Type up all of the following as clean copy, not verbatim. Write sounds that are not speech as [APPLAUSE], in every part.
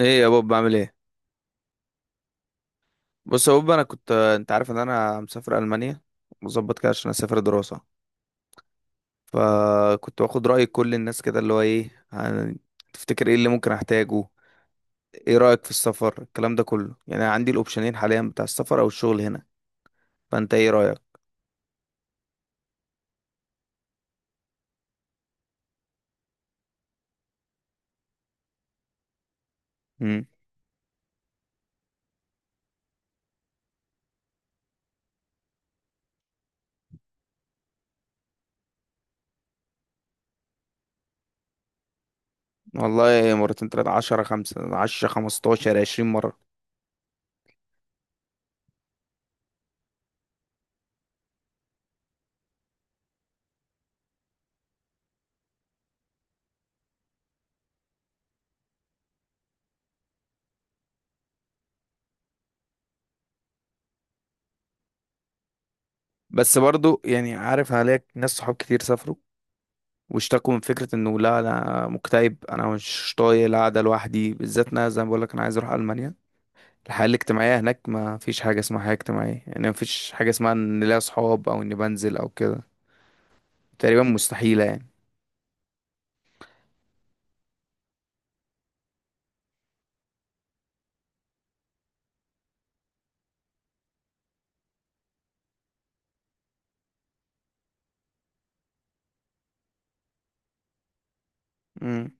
ايه يا بوب، بعمل ايه؟ بص يا بوب، انا كنت، انت عارف ان انا مسافر المانيا، مظبط كده عشان اسافر دراسه. فكنت باخد راي كل الناس كده، اللي هو ايه تفتكر ايه اللي ممكن احتاجه؟ ايه رايك في السفر، الكلام ده كله، يعني أنا عندي الاوبشنين حاليا بتاع السفر او الشغل هنا. فانت ايه رايك؟ امم. والله مرتين، تلاتة، 10، 15، 15، 20 مرة. بس برضو يعني عارف، عليك ناس صحاب كتير سافروا واشتكوا من فكرة انه لا، انا مكتئب، انا مش طايق القعدة لوحدي. بالذات انا زي ما بقولك، انا عايز اروح المانيا. الحياة الاجتماعية هناك ما فيش حاجة اسمها حياة اجتماعية، يعني ما فيش حاجة اسمها ان ليا صحاب او اني بنزل او كده، تقريبا مستحيلة يعني. امم،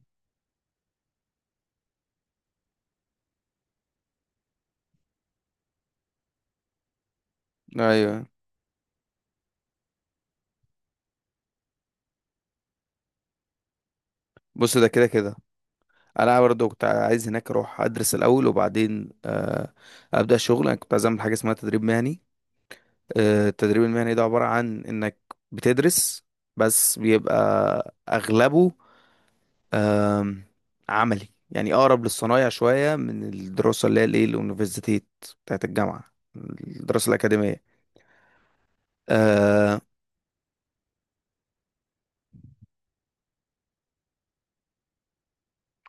ايوه. بص، ده كده كده انا برضه كنت عايز هناك اروح ادرس الاول، وبعدين ابدا شغل. انا كنت عايز اعمل حاجة اسمها تدريب مهني. التدريب المهني ده عبارة عن انك بتدرس، بس بيبقى اغلبه آم، عملي، يعني أقرب للصنايع شوية من الدراسة اللي هي الإيه اليونيفرسيتيت بتاعت الجامعة، الدراسة الأكاديمية. أه.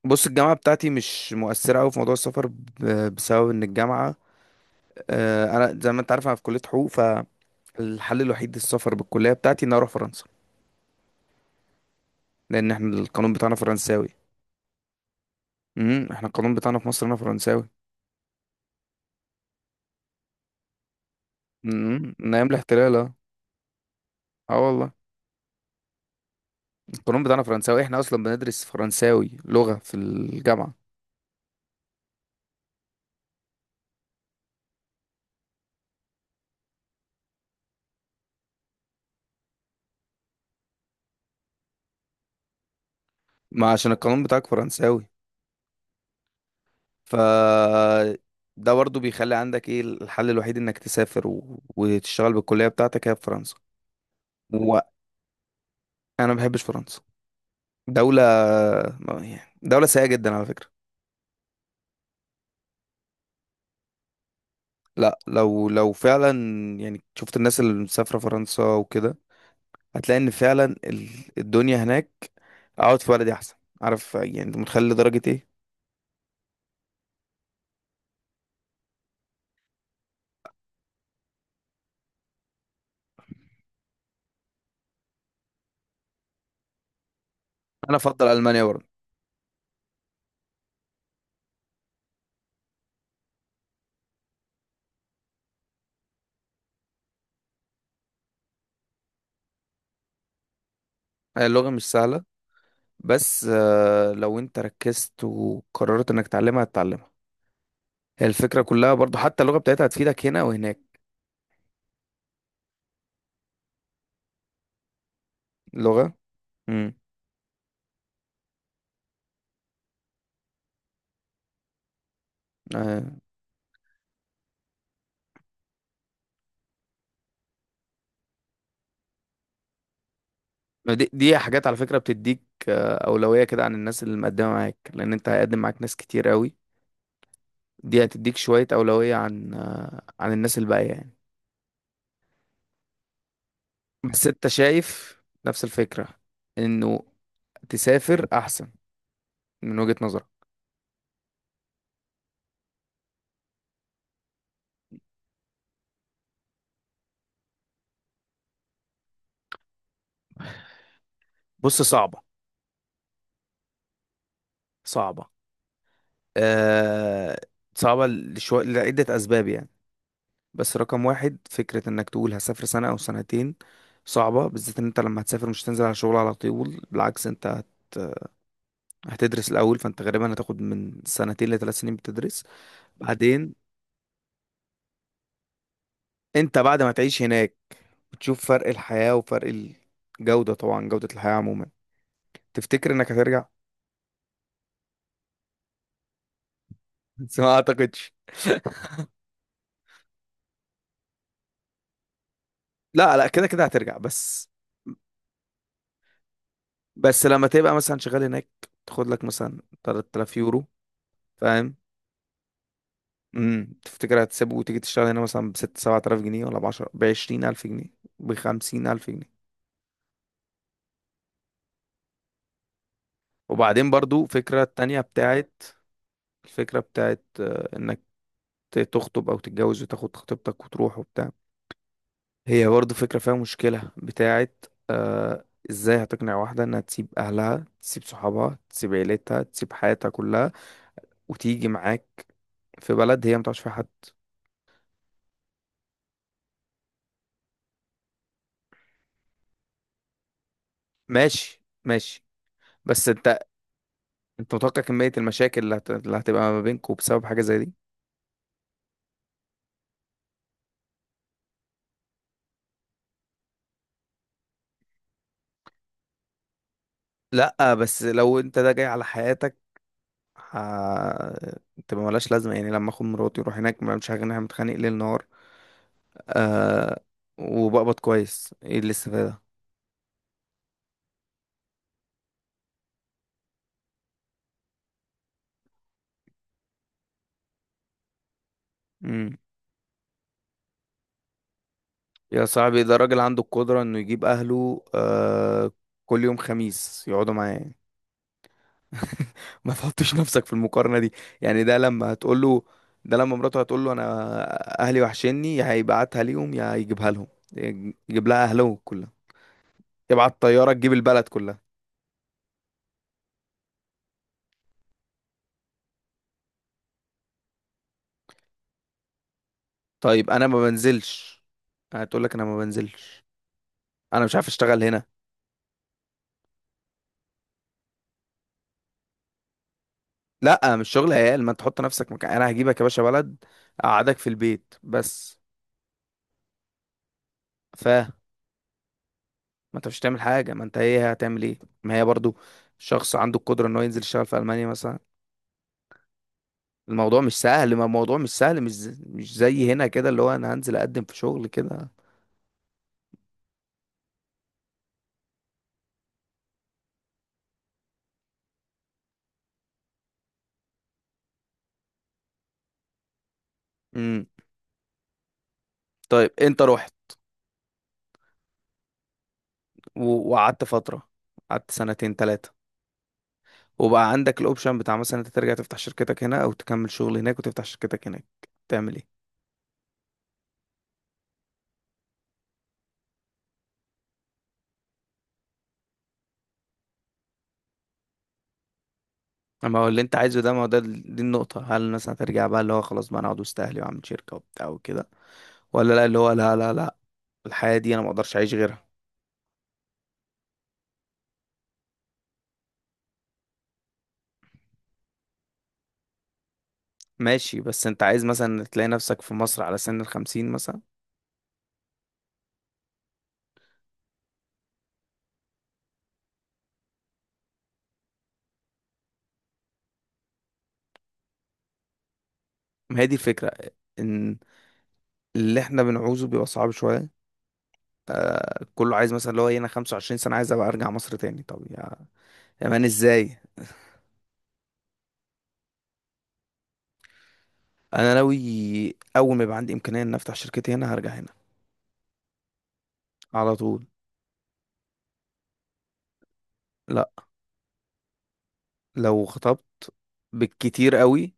بص الجامعة بتاعتي مش مؤثرة أوي في موضوع السفر بسبب إن الجامعة، أه، أنا زي ما أنت عارف أنا في كلية حقوق، فالحل الوحيد للسفر بالكلية بتاعتي إن أنا أروح فرنسا، لأن إحنا القانون بتاعنا فرنساوي. امم، إحنا القانون بتاعنا في مصر هنا فرنساوي. امم، من أيام الاحتلال، أه. آه والله، القانون بتاعنا فرنساوي، إحنا أصلا بندرس فرنساوي لغة في الجامعة. ما عشان القانون بتاعك فرنساوي. ف، ده برضه بيخلي عندك ايه، الحل الوحيد انك تسافر و... وتشتغل بالكلية بتاعتك هي في فرنسا. وانا ما بحبش فرنسا، دولة، يعني دولة سيئة جدا على فكرة. لا، لو فعلا يعني شفت الناس اللي مسافرة فرنسا وكده، هتلاقي ان فعلا الدنيا هناك، اقعد في بلدي احسن. عارف يعني، انت متخيل لدرجة ايه؟ انا افضل المانيا برضه. هي اللغة مش سهلة، بس لو انت ركزت وقررت انك تتعلمها هتتعلمها. هي الفكرة كلها برضو، حتى اللغة بتاعتها هتفيدك هنا وهناك، لغة. امم، آه. دي حاجات على فكرة بتديك أولوية كده عن الناس اللي مقدمة معاك، لأن انت هيقدم معاك ناس كتير قوي. دي هتديك شوية أولوية عن عن الناس الباقية يعني. بس انت شايف نفس الفكرة، انه تسافر أحسن من وجهة نظرك؟ بص، صعبة. صعبة، أه. صعبة لشوية، لعدة أسباب يعني. بس رقم واحد، فكرة انك تقول هسافر سنة او سنتين صعبة. بالذات ان انت لما هتسافر مش هتنزل على شغل على طول، بالعكس انت هتدرس الاول، فانت غالبا هتاخد من سنتين لثلاث سنين بتدرس. بعدين انت بعد ما تعيش هناك بتشوف فرق الحياة وفرق الجودة، طبعا جودة الحياة عموما. تفتكر انك هترجع؟ [LAUGHS] بس ما اعتقدش. لا لا، كده كده هترجع بس. بس لما تبقى مثلا شغال هناك تاخد لك مثلا 3000 يورو، فاهم؟ امم. تفتكر هتسيبه وتيجي تشتغل هنا مثلا بست سبعة آلاف جنيه؟ ولا بعشرة، بـ20 ألف جنيه؟ بـ50 ألف جنيه؟ وبعدين برضو، فكرة التانية بتاعت الفكرة بتاعت إنك تخطب أو تتجوز وتاخد خطيبتك وتروح وبتاع. هي برضو فكرة فيها مشكلة بتاعت إزاي هتقنع واحدة إنها تسيب أهلها، تسيب صحابها، تسيب عيلتها، تسيب حياتها كلها وتيجي معاك في بلد هي متعرفش فيها حد؟ ماشي ماشي. بس انت متوقع كمية المشاكل اللي اللي هتبقى ما بينكوا بسبب حاجة زي دي؟ لا بس لو انت ده جاي على حياتك، ه... تبقى ملهاش لازمة. يعني لما اخد مراتي واروح هناك ما، مش هغني متخانق ليل نهار آه... وبقبض كويس، ايه الاستفادة؟ مم. يا صاحبي ده راجل عنده القدرة انه يجيب اهله كل يوم خميس يقعدوا معاه. [LAUGHS] ما تحطش نفسك في المقارنة دي. يعني ده لما هتقول له، ده لما مراته هتقول له انا اهلي وحشني، يا هيبعتها ليهم يا هيجيبها لهم، يجيب لها اهله كلها، يبعت طيارة تجيب البلد كلها. طيب انا ما بنزلش، هتقول لك انا ما بنزلش، انا مش عارف اشتغل هنا. لا مش شغل عيال، ما انت تحط نفسك مكان انا، هجيبك يا باشا بلد اقعدك في البيت بس. ف ما، انت مش هتعمل حاجه، ما انت ايه هتعمل ايه، ما هي برضو شخص عنده القدره ان هو ينزل يشتغل في المانيا مثلا. الموضوع مش سهل، ما الموضوع مش سهل، مش زي هنا كده اللي هو انا هنزل اقدم في شغل كده. امم. طيب، انت رحت و- وقعدت فتره، قعدت سنتين تلاتة، وبقى عندك الاوبشن بتاع، مثلا انت ترجع تفتح شركتك هنا او تكمل شغل هناك وتفتح شركتك هناك، تعمل ايه؟ اما هو اللي انت عايزه ده، ما هو ده دي النقطة. هل الناس هترجع بقى، اللي هو خلاص بقى انا اقعد وسط اهلي واعمل شركة وبتاع وكده؟ ولا لا، اللي هو لا لا لا، الحياة دي انا ما اقدرش اعيش غيرها. ماشي. بس انت عايز مثلا تلاقي نفسك في مصر على سن الـ50 مثلا؟ ما هي دي الفكرة، ان اللي احنا بنعوزه بيبقى صعب شوية. كله عايز مثلا اللي هو انا 25 سنة عايز ابقى ارجع مصر تاني. طب يا مان، ازاي؟ انا ناوي اول ما يبقى عندي امكانيه ان افتح شركتي هنا هرجع هنا على طول. لا. لو خطبت، بالكتير قوي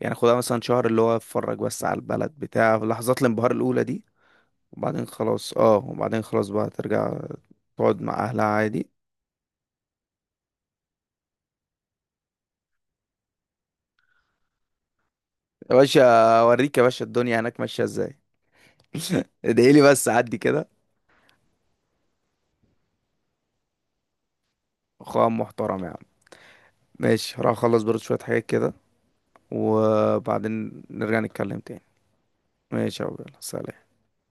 يعني، خدها مثلا شهر اللي هو اتفرج بس على البلد بتاع في لحظات الانبهار الاولى دي، وبعدين خلاص، اه وبعدين خلاص بقى ترجع تقعد مع اهلها عادي. يا باشا، اوريك يا باشا الدنيا هناك ماشيه ازاي. [LAUGHS] ادعي لي بس عدي كده. اخويا محترم يا عم. ماشي، هروح اخلص برضه شويه حاجات كده وبعدين نرجع نتكلم تاني. ماشي يا عبد الله. سلام.